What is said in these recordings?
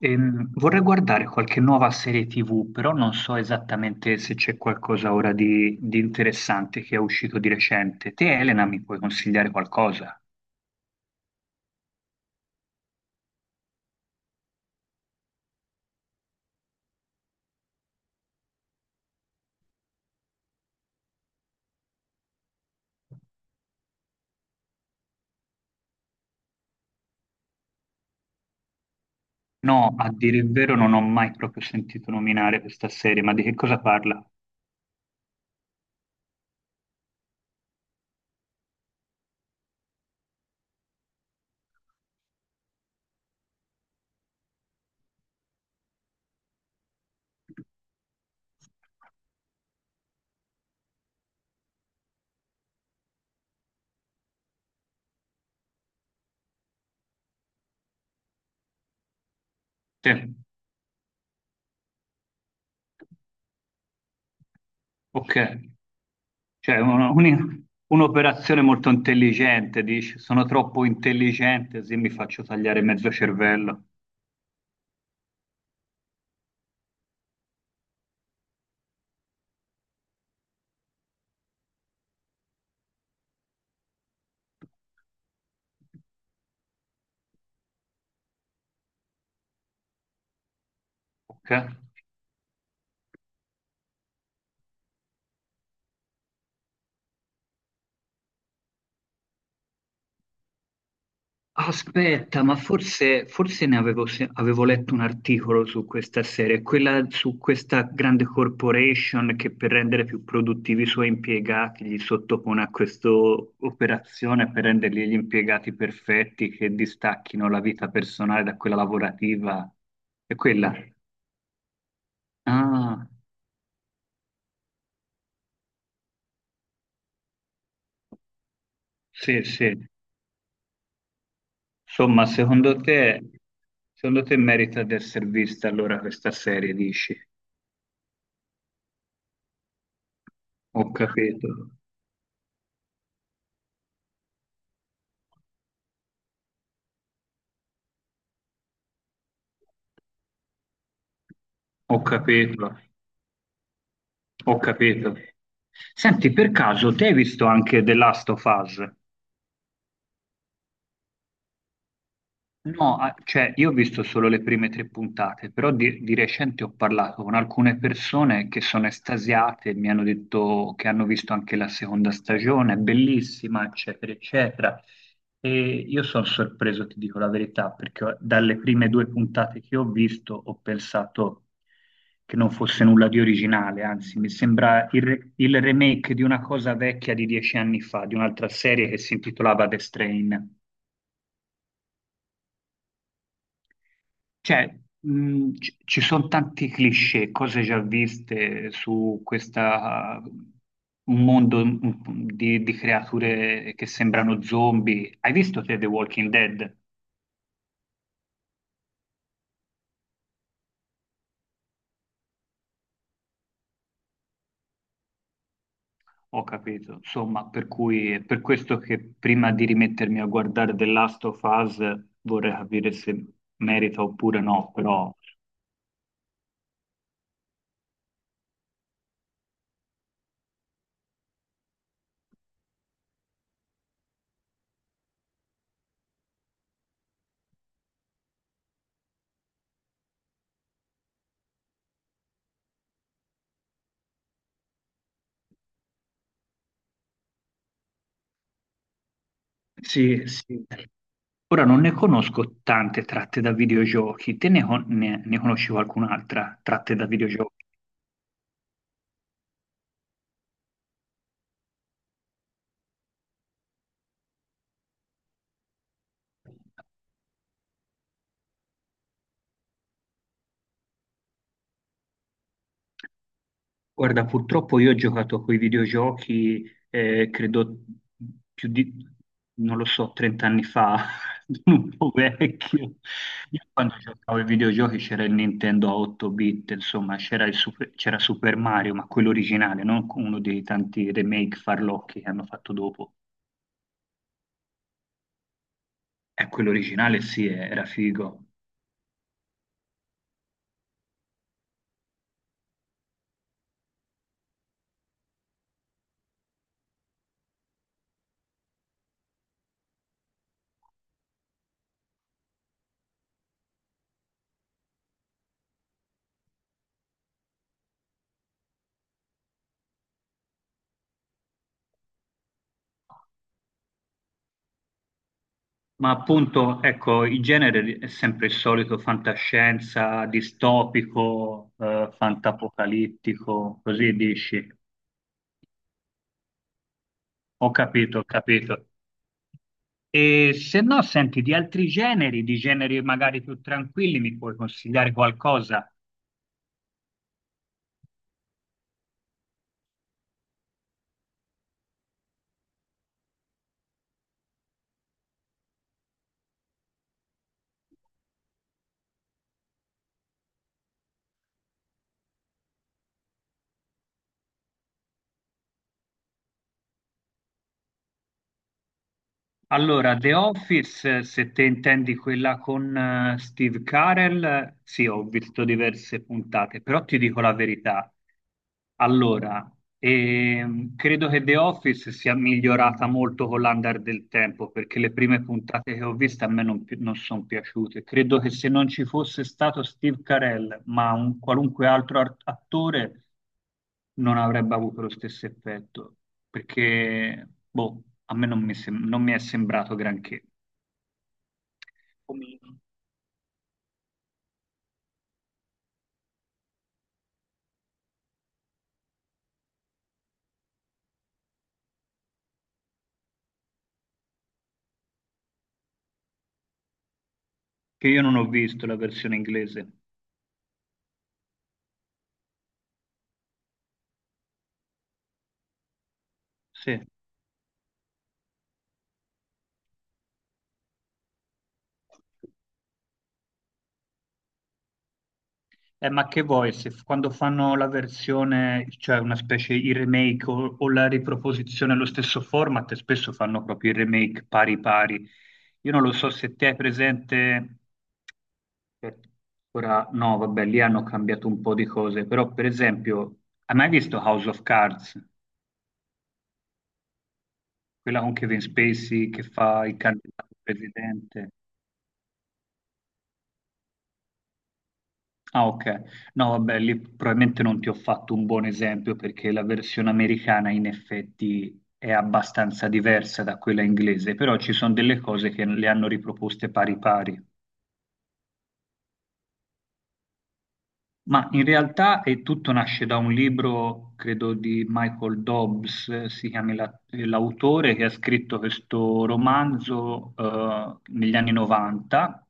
Vorrei guardare qualche nuova serie TV, però non so esattamente se c'è qualcosa ora di interessante che è uscito di recente. Te, Elena, mi puoi consigliare qualcosa? No, a dire il vero non ho mai proprio sentito nominare questa serie, ma di che cosa parla? Sì, ok, cioè un'operazione molto intelligente, dici, sono troppo intelligente, così mi faccio tagliare mezzo cervello. Ok? Aspetta, ma forse, forse ne avevo, se- avevo letto un articolo su questa serie, quella su questa grande corporation che per rendere più produttivi i suoi impiegati gli sottopone a questa operazione per rendergli gli impiegati perfetti che distacchino la vita personale da quella lavorativa. È quella? Ah, sì, sì. Insomma, secondo te merita di essere vista allora questa serie, dici? Ho capito, ho capito. Ho capito. Senti, per caso, te hai visto anche The Last of Us? No, ah, cioè io ho visto solo le prime tre puntate, però di recente ho parlato con alcune persone che sono estasiate, mi hanno detto che hanno visto anche la seconda stagione, è bellissima, eccetera, eccetera. E io sono sorpreso, ti dico la verità, perché dalle prime due puntate che ho visto ho pensato che non fosse nulla di originale, anzi mi sembra il il remake di una cosa vecchia di 10 anni fa, di un'altra serie che si intitolava The Strain. Cioè, ci sono tanti cliché, cose già viste su questa, un mondo di creature che sembrano zombie. Hai visto te The Walking Dead? Ho capito. Insomma, per cui è per questo che prima di rimettermi a guardare The Last of Us vorrei capire se merita oppure no, però sì, sì. Ora non ne conosco tante tratte da videogiochi, te ne, con- ne ne conosci qualcun'altra tratte da videogiochi? Guarda, purtroppo io ho giocato con i videogiochi, credo più di, non lo so, 30 anni fa, sono un po' vecchio. Io quando giocavo ai videogiochi c'era il Nintendo a 8 bit, insomma, c'era il Super, c'era Super Mario, ma quello originale, non uno dei tanti remake farlocchi che hanno fatto dopo. E quello originale sì, era figo. Ma appunto, ecco, il genere è sempre il solito fantascienza, distopico, fantapocalittico, così dici. Ho capito, ho capito. E se no, senti, di altri generi, di generi magari più tranquilli, mi puoi consigliare qualcosa? Allora, The Office, se te intendi quella con Steve Carell, sì, ho visto diverse puntate, però ti dico la verità. Allora, credo che The Office sia migliorata molto con l'andare del tempo, perché le prime puntate che ho visto a me non, sono piaciute. Credo che se non ci fosse stato Steve Carell, ma un qualunque altro attore, non avrebbe avuto lo stesso effetto, perché, boh, a me non mi è sembrato granché. Omino. Che io non ho visto la versione inglese. Sì. Ma che vuoi, se f- quando fanno la versione, cioè una specie il remake o la riproposizione allo stesso format, spesso fanno proprio il remake pari pari. Io non lo so se te hai presente, aspetta, ora no, vabbè, lì hanno cambiato un po' di cose, però per esempio, hai mai visto House of Cards? Quella con Kevin Spacey che fa il candidato presidente. Ah, ok. No, vabbè, lì probabilmente non ti ho fatto un buon esempio perché la versione americana in effetti è abbastanza diversa da quella inglese, però ci sono delle cose che le hanno riproposte pari pari. Ma in realtà tutto nasce da un libro, credo, di Michael Dobbs, l'autore, che ha scritto questo romanzo negli anni 90,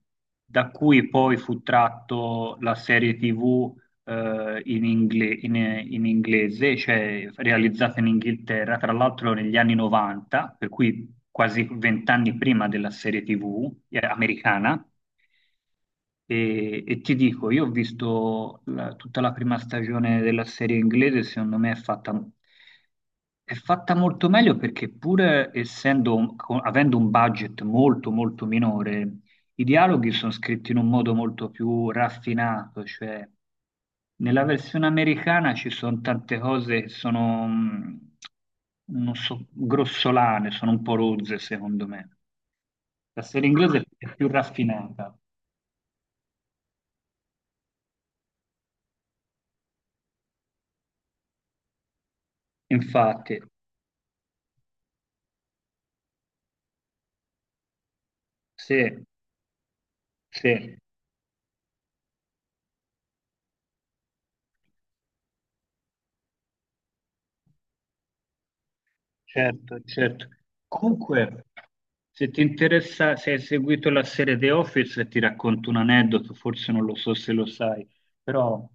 da cui poi fu tratto la serie TV in in- inglese, cioè realizzata in Inghilterra, tra l'altro negli anni 90, per cui quasi vent'anni prima della serie TV americana. E ti dico, io ho visto tutta la prima stagione della serie inglese, secondo me è fatta molto meglio perché pur essendo, avendo un budget molto molto minore, i dialoghi sono scritti in un modo molto più raffinato, cioè nella versione americana ci sono tante cose che sono, non so, grossolane, sono un po' rozze secondo me. La serie inglese è più raffinata. Infatti, sì, sì. Certo, certo. Comunque, se ti interessa, se hai seguito la serie The Office, ti racconto un aneddoto, forse non lo so se lo sai, però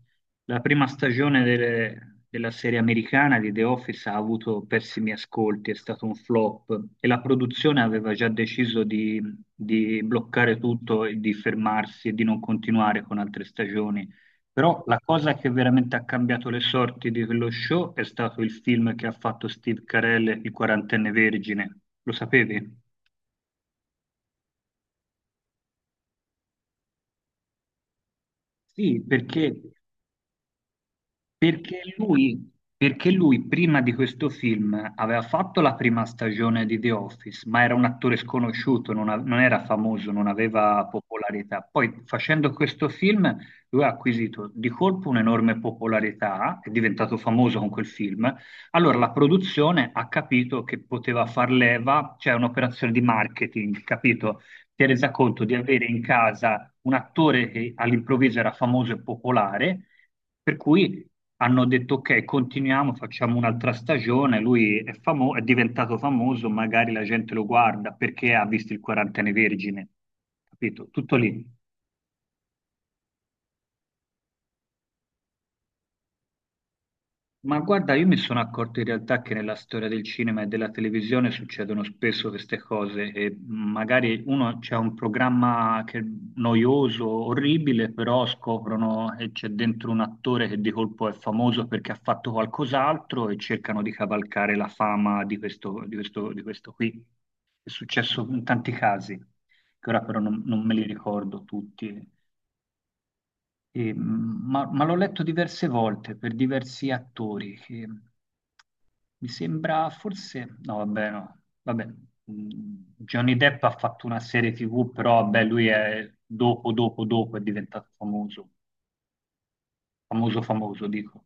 la prima stagione della serie americana di The Office ha avuto pessimi ascolti, è stato un flop e la produzione aveva già deciso di bloccare tutto e di fermarsi e di non continuare con altre stagioni. Però la cosa che veramente ha cambiato le sorti di quello show è stato il film che ha fatto Steve Carell, Il quarantenne vergine. Lo sapevi? Sì, perché Perché lui, perché lui prima di questo film aveva fatto la prima stagione di The Office, ma era un attore sconosciuto, non era famoso, non aveva popolarità. Poi facendo questo film lui ha acquisito di colpo un'enorme popolarità, è diventato famoso con quel film. Allora la produzione ha capito che poteva far leva, cioè un'operazione di marketing, capito? Si è resa conto di avere in casa un attore che all'improvviso era famoso e popolare, per cui hanno detto ok, continuiamo, facciamo un'altra stagione, lui è diventato famoso, magari la gente lo guarda perché ha visto il quarantenne vergine, capito? Tutto lì. Ma guarda, io mi sono accorto in realtà che nella storia del cinema e della televisione succedono spesso queste cose e magari uno c'è un programma che è noioso, orribile, però scoprono e c'è dentro un attore che di colpo è famoso perché ha fatto qualcos'altro e cercano di cavalcare la fama di questo qui. È successo in tanti casi, che ora però non, non me li ricordo tutti. E, ma l'ho letto diverse volte per diversi attori. Che mi sembra forse, no, vabbè, no, vabbè. Mh, Johnny Depp ha fatto una serie TV, però vabbè, lui è dopo è diventato famoso, famoso, famoso, dico.